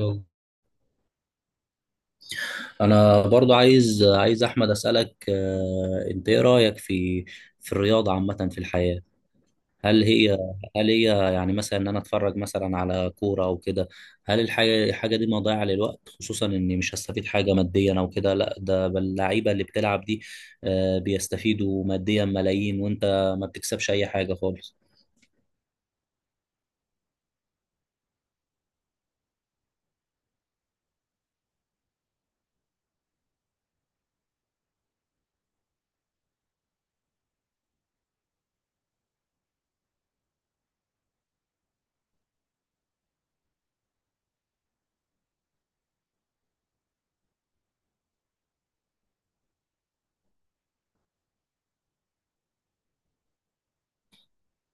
يلا. انا برضو عايز احمد اسالك، انت ايه رايك في الرياضه عامه في الحياه؟ هل هي هل هي يعني مثلا ان انا اتفرج مثلا على كوره او كده؟ هل الحاجه دي مضيعه للوقت، خصوصا اني مش هستفيد حاجه ماديا او كده؟ لا ده بل اللعيبه اللي بتلعب دي بيستفيدوا ماديا ملايين، وانت ما بتكسبش اي حاجه خالص.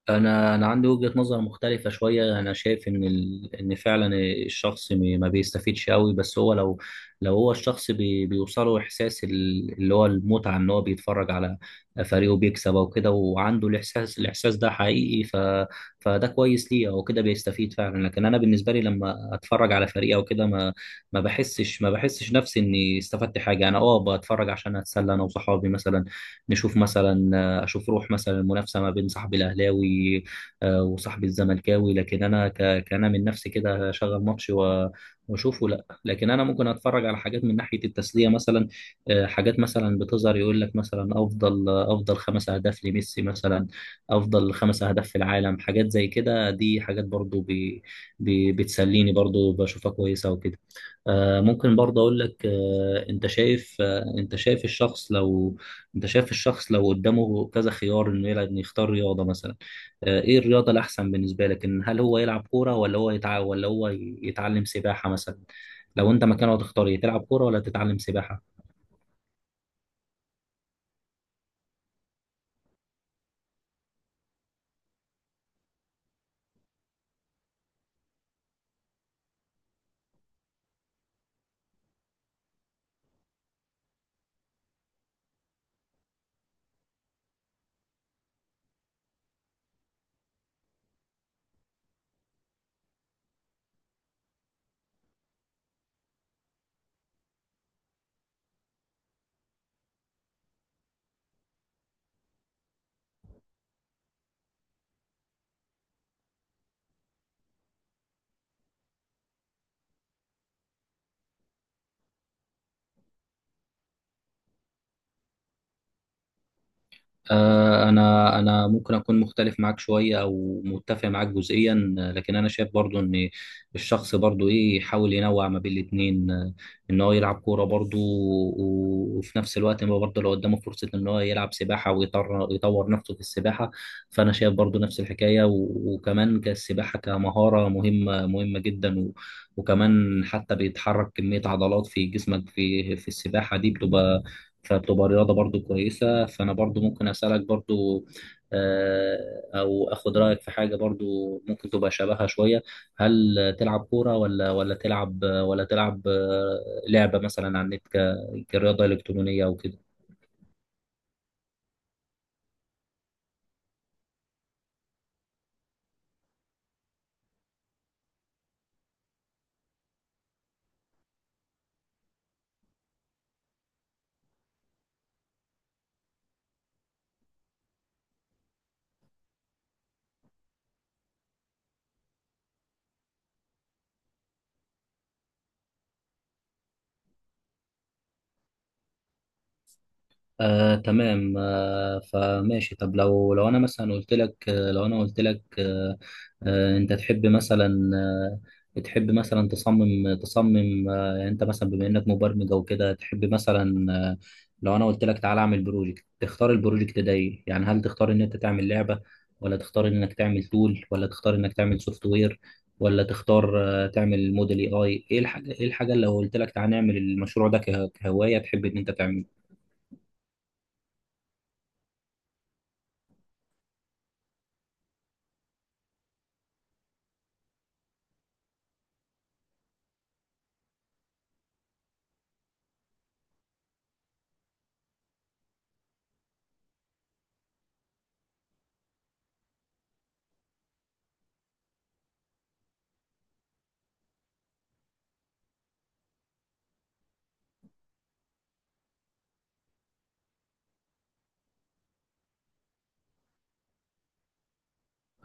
انا عندي وجهة نظر مختلفة شوية، انا شايف ان ان فعلا الشخص ما بيستفيدش قوي، بس هو لو هو الشخص بيوصله احساس اللي هو المتعة، ان هو بيتفرج على فريقه بيكسب او كده، وعنده الاحساس ده حقيقي، فده كويس ليه او كده، بيستفيد فعلا. لكن انا بالنسبة لي لما اتفرج على فريق او كده، ما بحسش نفسي اني استفدت حاجة. انا بتفرج عشان اتسلى انا وصحابي مثلا، نشوف مثلا، انا اشوف روح مثلا المنافسه ما بين صاحبي الاهلاوي، وصاحبي الزملكاوي. لكن انا كأنا من نفسي كده اشغل ماتش واشوفه، لا، لكن انا ممكن اتفرج على حاجات من ناحيه التسليه مثلا. حاجات مثلا بتظهر يقول لك مثلا افضل خمس اهداف لميسي مثلا، افضل خمس اهداف في العالم، حاجات زي كده، دي حاجات برضو بي بي بتسليني، برضو بشوفها كويسه وكده. ممكن برضه اقول لك، انت شايف، انت شايف الشخص لو قدامه كذا خيار، انه يختار رياضه مثلا. ايه الرياضه الاحسن بالنسبه لك، ان هل هو يلعب كوره ولا هو ولا هو يتعلم سباحه مثلا؟ لو انت مكانه هتختار ايه، تلعب كوره ولا تتعلم سباحه؟ انا ممكن اكون مختلف معاك شويه او متفق معاك جزئيا، لكن انا شايف برضو ان الشخص برضو ايه يحاول ينوع ما بين الاتنين. ان هو يلعب كوره برضو، وفي نفس الوقت ما برضو لو قدامه فرصه ان هو يلعب سباحه، ويطور نفسه في السباحه. فانا شايف برضو نفس الحكايه، وكمان كالسباحه كمهاره مهمه مهمه جدا، وكمان حتى بيتحرك كميه عضلات في جسمك في السباحه دي بتبقى، فبتبقى رياضة برضو كويسة. فأنا برضو ممكن أسألك برضو، أو أخد رأيك في حاجة برضو ممكن تبقى شبهها شوية. هل تلعب كورة، ولا تلعب لعبة مثلا على النت كرياضة إلكترونية أو كده؟ تمام. فماشي. طب لو انا مثلا قلت لك، آه، لو انا قلت لك آه، آه، انت تحب مثلا، تحب مثلا تصمم، يعني انت مثلا بما انك مبرمج او كده تحب مثلا، لو انا قلت لك تعالى اعمل بروجكت، تختار البروجكت ده ايه؟ يعني هل تختار ان انت تعمل لعبة، ولا تختار انك تعمل تول، ولا تختار انك تعمل سوفت وير، ولا تختار تعمل موديل اي اي؟ ايه الحاجة اللي لو قلت لك تعالى نعمل المشروع ده كهواية تحب ان انت تعمله؟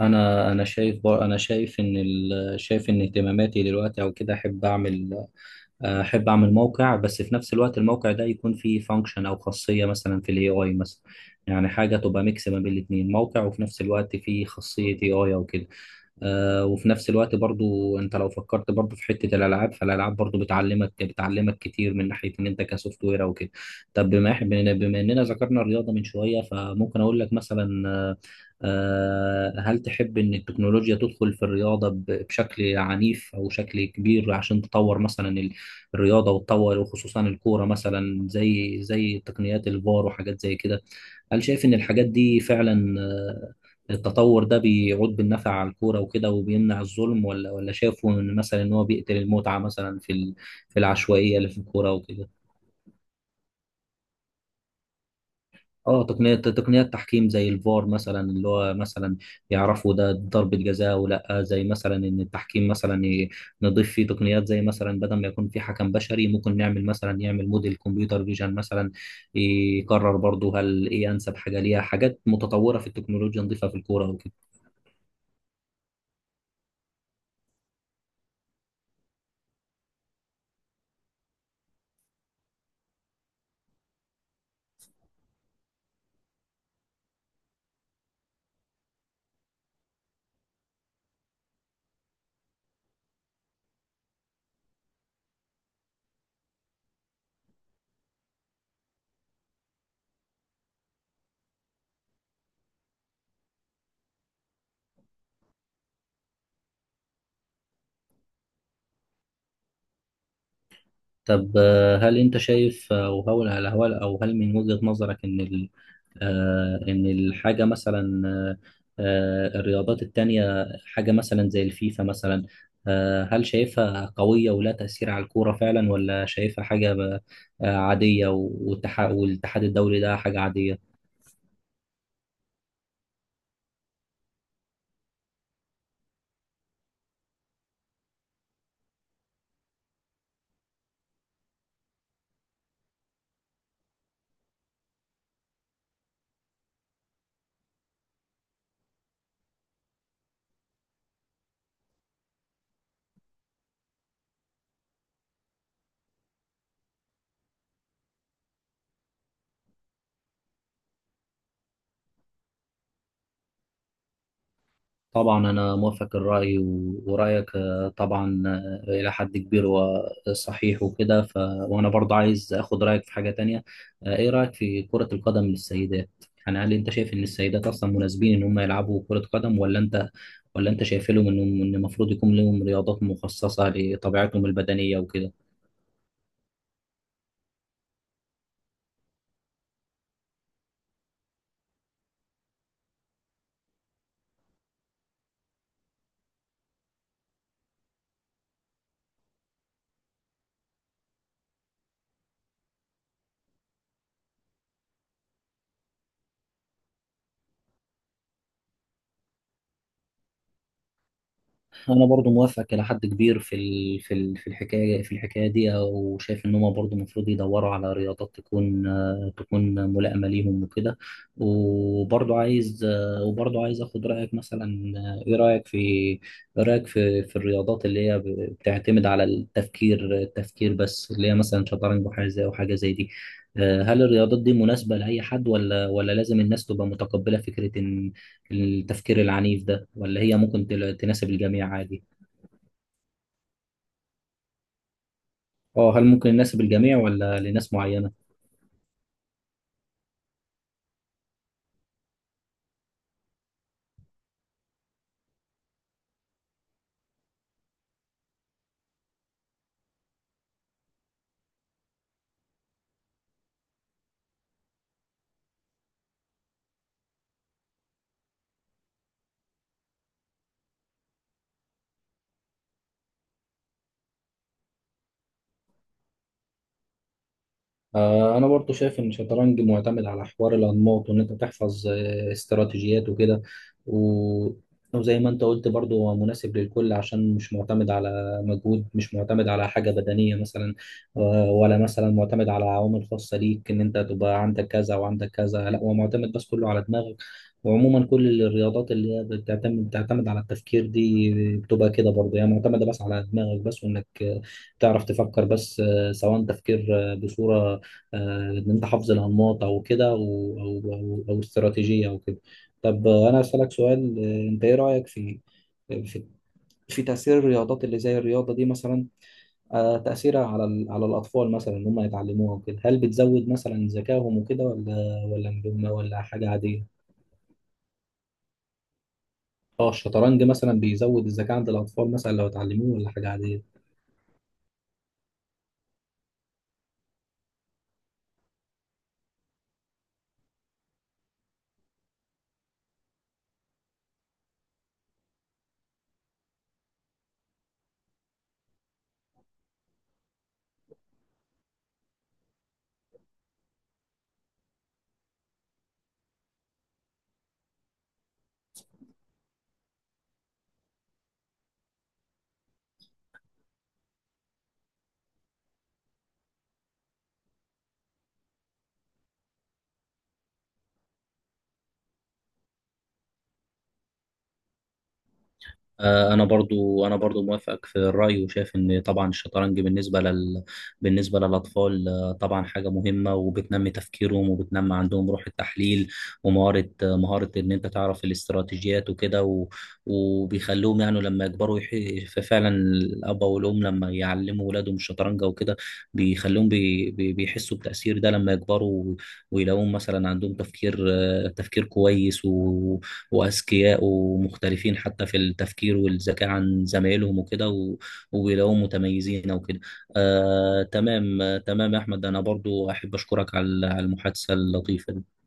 انا شايف ان اهتماماتي دلوقتي او كده، احب اعمل موقع، بس في نفس الوقت الموقع ده يكون فيه فانكشن او خاصيه مثلا في الاي اي مثلا، يعني حاجه تبقى ميكس ما بين الاثنين، موقع وفي نفس الوقت فيه خاصيه اي اي او كده. وفي نفس الوقت برضو، انت لو فكرت برضو في حتة الالعاب، فالالعاب برضو بتعلمك كتير من ناحية ان انت كسوفت وير او كده. طب بما إح- بما بما اننا ذكرنا الرياضة من شوية، فممكن اقول لك مثلا، هل تحب ان التكنولوجيا تدخل في الرياضة بشكل عنيف او شكل كبير، عشان تطور مثلا الرياضة، وتطور وخصوصا الكورة مثلا زي تقنيات الفار وحاجات زي كده. هل شايف إن الحاجات دي فعلا، التطور ده بيعود بالنفع على الكورة وكده وبيمنع الظلم، ولا شافوا إن مثلا إن هو بيقتل المتعة مثلا في العشوائية اللي في الكورة وكده؟ اه، تقنيات تحكيم زي الفار مثلا، اللي هو مثلا يعرفوا ده ضربة جزاء، ولا زي مثلا ان التحكيم مثلا نضيف فيه تقنيات، زي مثلا بدل ما يكون في حكم بشري، ممكن نعمل مثلا يعمل موديل كمبيوتر فيجن مثلا، يقرر برضه هل ايه انسب حاجة ليها، حاجات متطورة في التكنولوجيا نضيفها في الكورة وكده. طب، هل انت شايف، آه، او هل هل- هل- او هل من وجهة نظرك ان الحاجة مثلا، الرياضات التانية حاجة مثلا زي الفيفا مثلا، هل شايفها قوية ولا تأثير على الكورة فعلا، ولا شايفها حاجة عادية، والاتحاد الدولي ده حاجة عادية؟ طبعا أنا موافق الرأي، ورأيك طبعا إلى حد كبير وصحيح وكده. وأنا برضه عايز أخد رأيك في حاجة تانية. إيه رأيك في كرة القدم للسيدات؟ يعني هل أنت شايف إن السيدات أصلا مناسبين إن هم يلعبوا كرة قدم، ولا أنت شايف لهم إن المفروض يكون لهم رياضات مخصصة لطبيعتهم البدنية وكده؟ انا برضو موافق الى حد كبير في ال... في ال... في الحكايه في الحكايه دي، او شايف ان هم برضو المفروض يدوروا على رياضات تكون، تكون ملائمه ليهم وكده. وبرضو عايز، اخد رايك مثلا، ايه رايك في الرياضات اللي هي بتعتمد على التفكير بس، اللي هي مثلا شطرنج وحاجه زي دي. هل الرياضات دي مناسبه لاي حد، ولا لازم الناس تبقى متقبله فكره ان التفكير العنيف ده، ولا هي ممكن تناسب الجميع عادي؟ اه، هل ممكن يناسب الجميع ولا لناس معينة؟ انا برضو شايف ان الشطرنج معتمد على حوار الانماط، وان انت تحفظ استراتيجيات وكده. و... وزي ما انت قلت برضو، هو مناسب للكل عشان مش معتمد على مجهود، مش معتمد على حاجة بدنية مثلا، ولا مثلا معتمد على عوامل خاصة ليك، ان انت تبقى عندك كذا وعندك كذا، لا، هو معتمد بس كله على دماغك. وعموما كل الرياضات اللي هي بتعتمد على التفكير دي، بتبقى كده برضه هي معتمدة بس على دماغك بس، وانك تعرف تفكر بس، سواء تفكير، بصورة، ان انت حافظ الانماط او كده، أو استراتيجيه او كده. طب، انا اسالك سؤال. انت ايه رايك في في في تاثير الرياضات اللي زي الرياضه دي مثلا، تاثيرها على على الاطفال مثلا، ان هم يتعلموها وكده، هل بتزود مثلا ذكائهم وكده، ولا حاجه عاديه؟ اه، الشطرنج مثلا بيزود الذكاء عند الاطفال مثلا لو اتعلموه، ولا حاجه عاديه؟ انا برضو موافقك في الراي، وشايف ان طبعا الشطرنج بالنسبه لل بالنسبه للاطفال، طبعا حاجه مهمه وبتنمي تفكيرهم، وبتنمي عندهم روح التحليل، ومهاره آه، مهاره ان انت تعرف الاستراتيجيات وكده. وبيخلوهم يعني لما يكبروا ففعلا الاب والام لما يعلموا ولادهم الشطرنج وكده، بيحسوا بتاثير ده لما يكبروا، ويلاقوهم مثلا عندهم تفكير، تفكير كويس، وأذكياء ومختلفين حتى في التفكير والذكاء عن زمايلهم وكده، وبيلاقوهم متميزين وكده. آه تمام، آه تمام يا أحمد، أنا برضو أحب أشكرك على المحادثة اللطيفة دي.